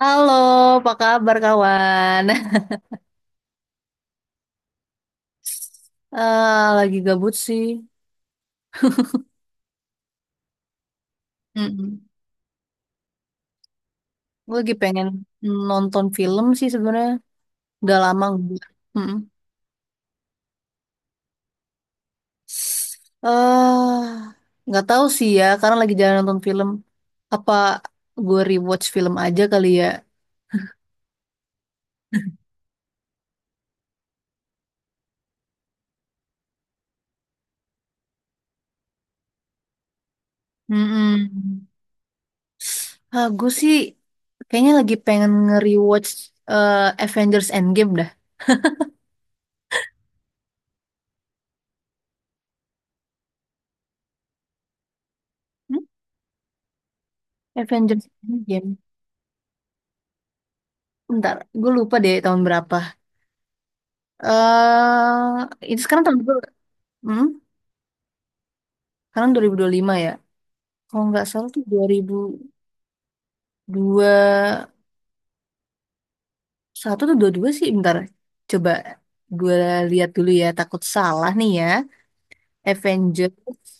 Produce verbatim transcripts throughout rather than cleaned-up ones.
Halo, apa kabar kawan? Eh, lagi gabut sih. Mm-mm. Gue lagi pengen nonton film sih sebenarnya. Udah lama gue. Mm-mm. Eh, nggak tahu sih ya, karena lagi jalan nonton film. Apa gue rewatch film aja kali ya? Mm-mm. Ah, gue sih kayaknya lagi pengen nge-rewatch eh, Avengers Endgame dah. Hmm? Avengers Endgame. Bentar, gue lupa deh tahun berapa. Eh ini sekarang tahun berapa? Hmm? Sekarang dua ribu dua puluh lima ya. Kalau nggak salah tuh dua ribu dua puluh satu atau dua puluh dua sih. Bentar. Coba gue lihat dulu ya. Takut salah nih ya. Avengers.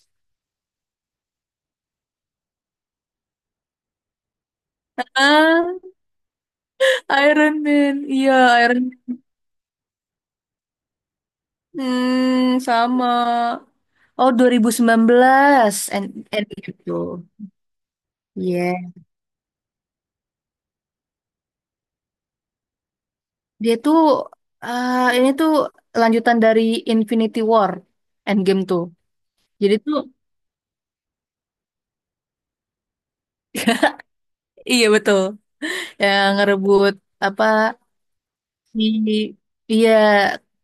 Ah, Iron Man. Iya, Iron Man. Hmm, sama. Oh, dua ribu sembilan belas. And, and itu. Iya. Dia tuh, eh ini tuh lanjutan dari Infinity War. Endgame tuh. Jadi tuh, iya betul. Ya, ngerebut apa, si, iya,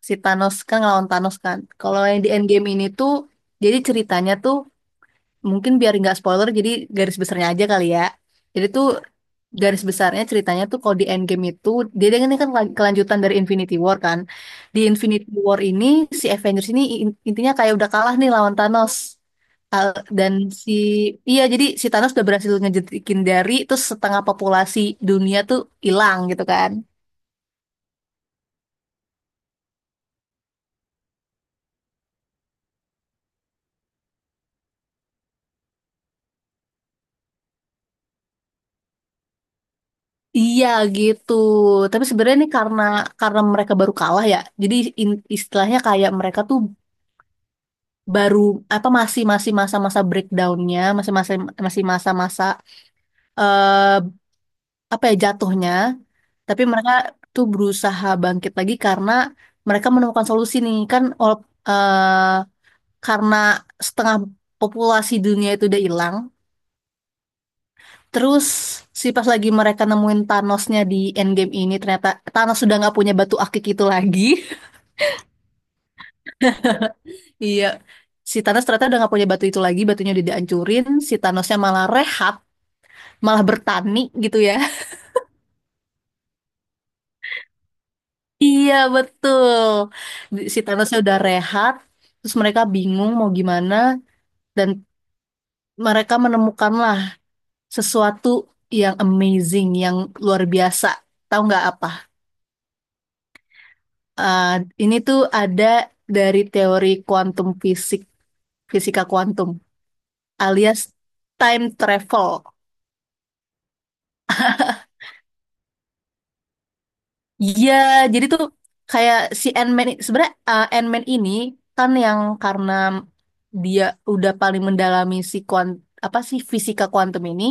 si Thanos kan, ngelawan Thanos kan. Kalau yang di Endgame ini tuh jadi ceritanya tuh mungkin biar nggak spoiler, jadi garis besarnya aja kali ya. Jadi tuh garis besarnya ceritanya tuh kalau di Endgame itu dia dia ini kan kela- kelanjutan dari Infinity War kan. Di Infinity War ini si Avengers ini in- intinya kayak udah kalah nih lawan Thanos. Al- dan si, iya, jadi si Thanos udah berhasil ngejetikin dari, terus setengah populasi dunia tuh hilang gitu kan. Iya gitu. Tapi sebenarnya ini karena karena mereka baru kalah ya. Jadi in- istilahnya kayak mereka tuh baru apa, masih masih masa-masa breakdownnya, masih masih masih masa-masa, eh, apa ya jatuhnya, tapi mereka tuh berusaha bangkit lagi karena mereka menemukan solusi nih kan, wala- eh, karena setengah populasi dunia itu udah hilang, terus si pas lagi mereka nemuin Thanosnya di Endgame ini ternyata Thanos sudah nggak punya batu akik itu lagi. Iya. Si Thanos ternyata udah nggak punya batu itu lagi, batunya udah dihancurin. Si Thanosnya malah rehat, malah bertani gitu ya. Iya betul. Si Thanosnya udah rehat, terus mereka bingung mau gimana dan mereka menemukanlah sesuatu yang amazing, yang luar biasa. Tahu nggak apa? Eh, ini tuh ada dari teori kuantum fisik, fisika kuantum, alias time travel. Iya, jadi tuh kayak si Ant-Man i- sebenarnya uh, Ant-Man ini kan yang karena dia udah paling mendalami si kuant apa sih fisika kuantum ini,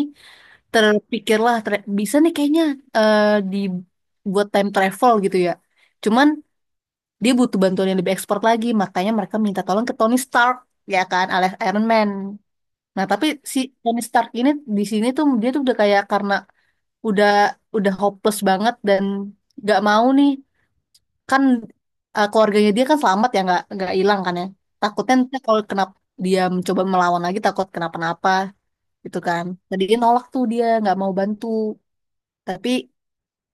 terpikirlah ter- bisa nih kayaknya uh, dibuat time travel gitu ya. Cuman dia butuh bantuan yang lebih ekspor lagi, makanya mereka minta tolong ke Tony Stark ya kan, alias Iron Man. Nah, tapi si Tony Stark ini di sini tuh dia tuh udah kayak karena udah udah hopeless banget dan gak mau nih kan, eh, keluarganya dia kan selamat ya, nggak nggak hilang kan ya, takutnya nanti kalau kenapa dia mencoba melawan lagi takut kenapa-napa gitu kan, jadi dia nolak tuh dia nggak mau bantu. Tapi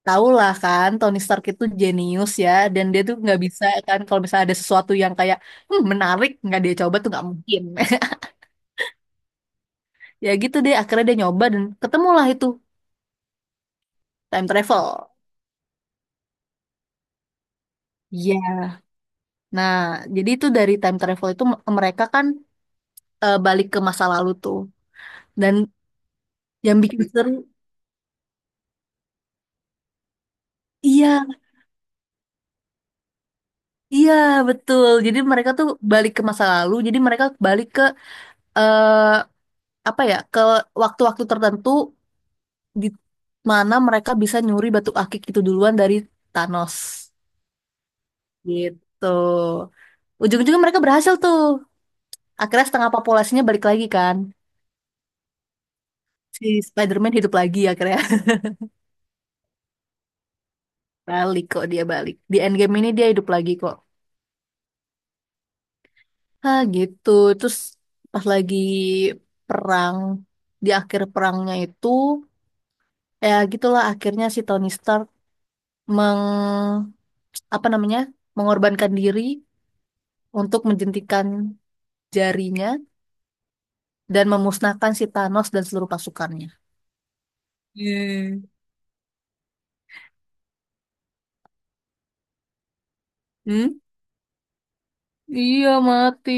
tahulah kan Tony Stark itu jenius ya, dan dia tuh nggak bisa kan kalau misalnya ada sesuatu yang kayak, "Hmm, menarik nggak dia coba tuh nggak mungkin." Ya gitu deh akhirnya dia nyoba dan ketemulah itu time travel. Iya. Nah, jadi itu dari time travel itu m- mereka kan eh, balik ke masa lalu tuh. Dan yang bikin seru, iya, iya betul, jadi mereka tuh balik ke masa lalu, jadi mereka balik ke, eh apa ya, ke waktu-waktu tertentu di mana mereka bisa nyuri batu akik itu duluan dari Thanos gitu. Ujung-ujungnya mereka berhasil tuh, akhirnya setengah populasinya balik lagi kan, si Spider-Man hidup lagi akhirnya. Balik kok, dia balik di Endgame ini, dia hidup lagi kok. Ah gitu. Terus pas lagi perang di akhir perangnya itu, ya gitulah akhirnya si Tony Stark meng, apa namanya, mengorbankan diri untuk menjentikan jarinya dan memusnahkan si Thanos dan seluruh pasukannya. Eh, Hmm? Iya mati.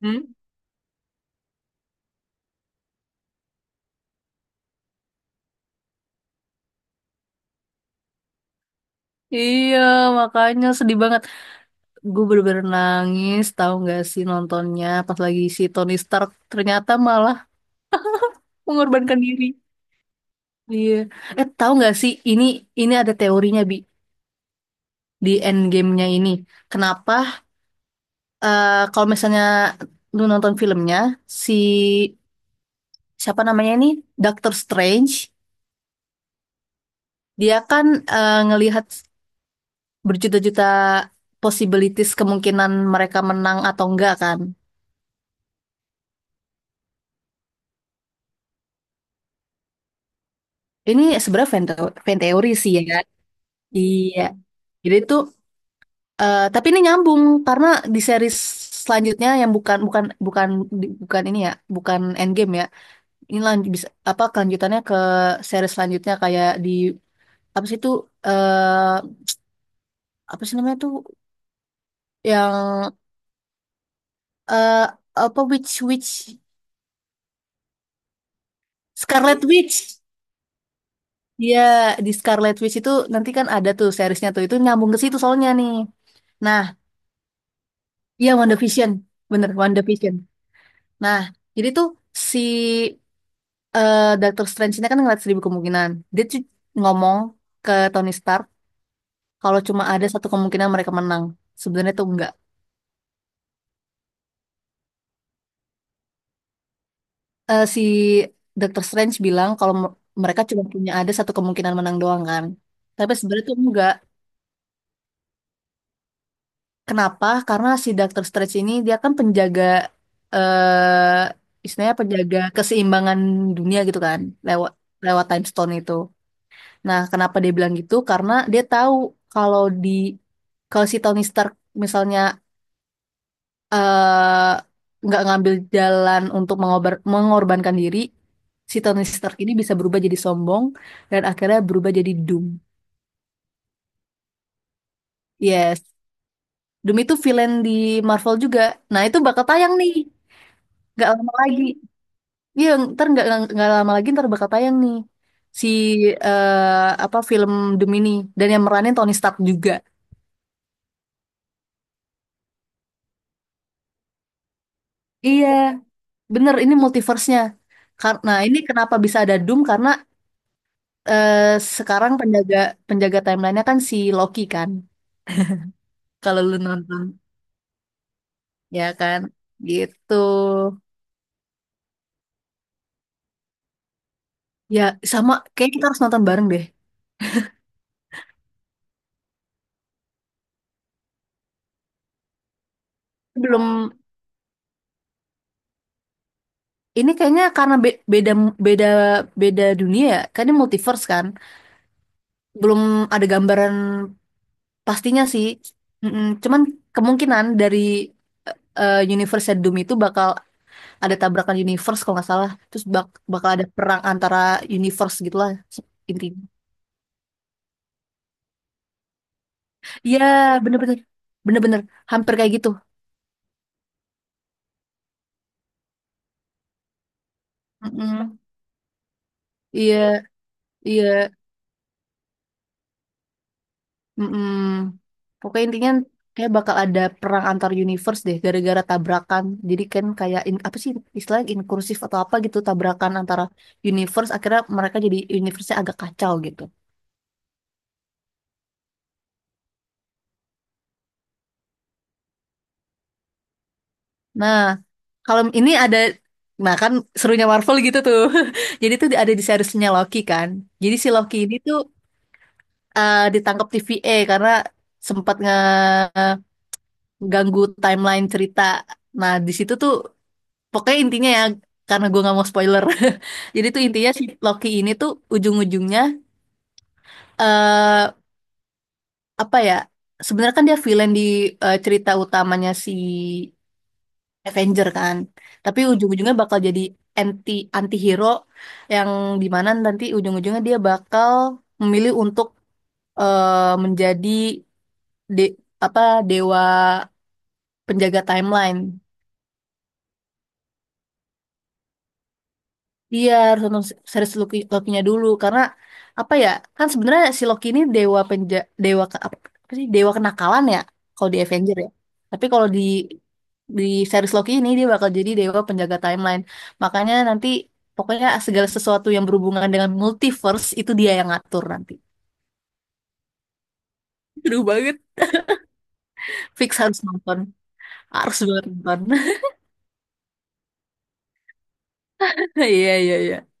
Hmm? Iya, makanya sedih banget. Gue bener-bener nangis tahu nggak sih nontonnya pas lagi si Tony Stark ternyata malah mengorbankan diri. Iya. Eh, tahu nggak sih ini ini ada teorinya Bi di endgame-nya ini. Kenapa, eh, kalau misalnya lu nonton filmnya, si, siapa namanya ini, Doctor Strange, dia kan eh, ngelihat berjuta-juta possibilities, kemungkinan mereka menang atau enggak kan. Ini sebenarnya fan, teo- fan teori sih ya. Iya. Jadi itu, eh, tapi ini nyambung karena di series selanjutnya yang bukan bukan bukan di- bukan ini ya, bukan Endgame ya. Ini lanjut bisa apa kelanjutannya ke series selanjutnya kayak di, apa sih itu, eh, apa sih namanya tuh, yang, eh apa, Witch Witch Scarlet Witch. Iya, di Scarlet Witch itu nanti kan ada tuh seriesnya tuh itu nyambung ke situ soalnya nih. Nah, iya WandaVision, bener WandaVision. Nah, jadi tuh si, eh Doctor Strange ini kan ngeliat seribu kemungkinan, dia tuh ngomong ke Tony Stark kalau cuma ada satu kemungkinan mereka menang, sebenarnya tuh enggak. eh, si dokter Strange bilang kalau m- mereka cuma punya ada satu kemungkinan menang doang kan. Tapi sebenarnya tuh enggak. Kenapa? Karena si dokter Strange ini dia kan penjaga, eh istilahnya penjaga keseimbangan dunia gitu kan, lewat lewat time stone itu. Nah, kenapa dia bilang gitu? Karena dia tahu kalau di, kalau si Tony Stark misalnya eh nggak ngambil jalan untuk mengobar- mengorbankan diri, si Tony Stark ini bisa berubah jadi sombong dan akhirnya berubah jadi Doom. Yes, Doom itu villain di Marvel juga. Nah itu bakal tayang nih, nggak lama lagi. Iya, ntar nggak nggak lama lagi ntar bakal tayang nih si, eh, apa, film Doom ini dan yang meranin Tony Stark juga. Iya, bener ini multiverse-nya. Karena ini kenapa bisa ada Doom karena, eh, sekarang penjaga penjaga timeline-nya kan si Loki kan. Kalau lu nonton, ya kan? Gitu. Ya, sama kayak kita harus nonton bareng deh. Belum, ini kayaknya karena be- beda, beda beda dunia ya. Kan ini multiverse kan. Belum ada gambaran pastinya sih. Mm-mm. Cuman kemungkinan dari, eh, eh, universe Doom itu bakal ada tabrakan universe kalau nggak salah. Terus bak bakal ada perang antara universe gitulah intinya. Iya, bener-bener. Bener-bener hampir kayak gitu. Mm-mm. Iya, iya. Mm-mm. Pokoknya intinya kayak bakal ada perang antar universe deh gara-gara tabrakan. Jadi kan kayak in- apa sih istilahnya inkursif atau apa gitu tabrakan antara universe akhirnya mereka jadi universe-nya agak kacau gitu. Nah, kalau ini ada, nah kan, serunya Marvel gitu tuh. Jadi tuh ada di seriesnya Loki kan. Jadi si Loki ini tuh, eh, ditangkap T V A karena sempat ngeganggu timeline cerita. Nah, di situ tuh pokoknya intinya ya, karena gue nggak mau spoiler. Jadi tuh intinya si Loki ini tuh ujung-ujungnya, eh apa ya? Sebenarnya kan dia villain di, eh, cerita utamanya si Avenger kan. Tapi ujung-ujungnya bakal jadi anti anti-hero, yang dimana nanti ujung-ujungnya dia bakal memilih untuk, eh, menjadi de apa, dewa penjaga timeline. Iya harus nonton series Loki Loki-nya dulu karena apa ya, kan sebenarnya si Loki ini dewa penja dewa ke- apa, apa sih, dewa kenakalan ya kalau di Avenger ya, tapi kalau di di series Loki ini dia bakal jadi dewa penjaga timeline, makanya nanti pokoknya segala sesuatu yang berhubungan dengan multiverse itu dia yang ngatur nanti. Seru banget. Fix harus nonton. Harus banget nonton. Iya, iya, iya.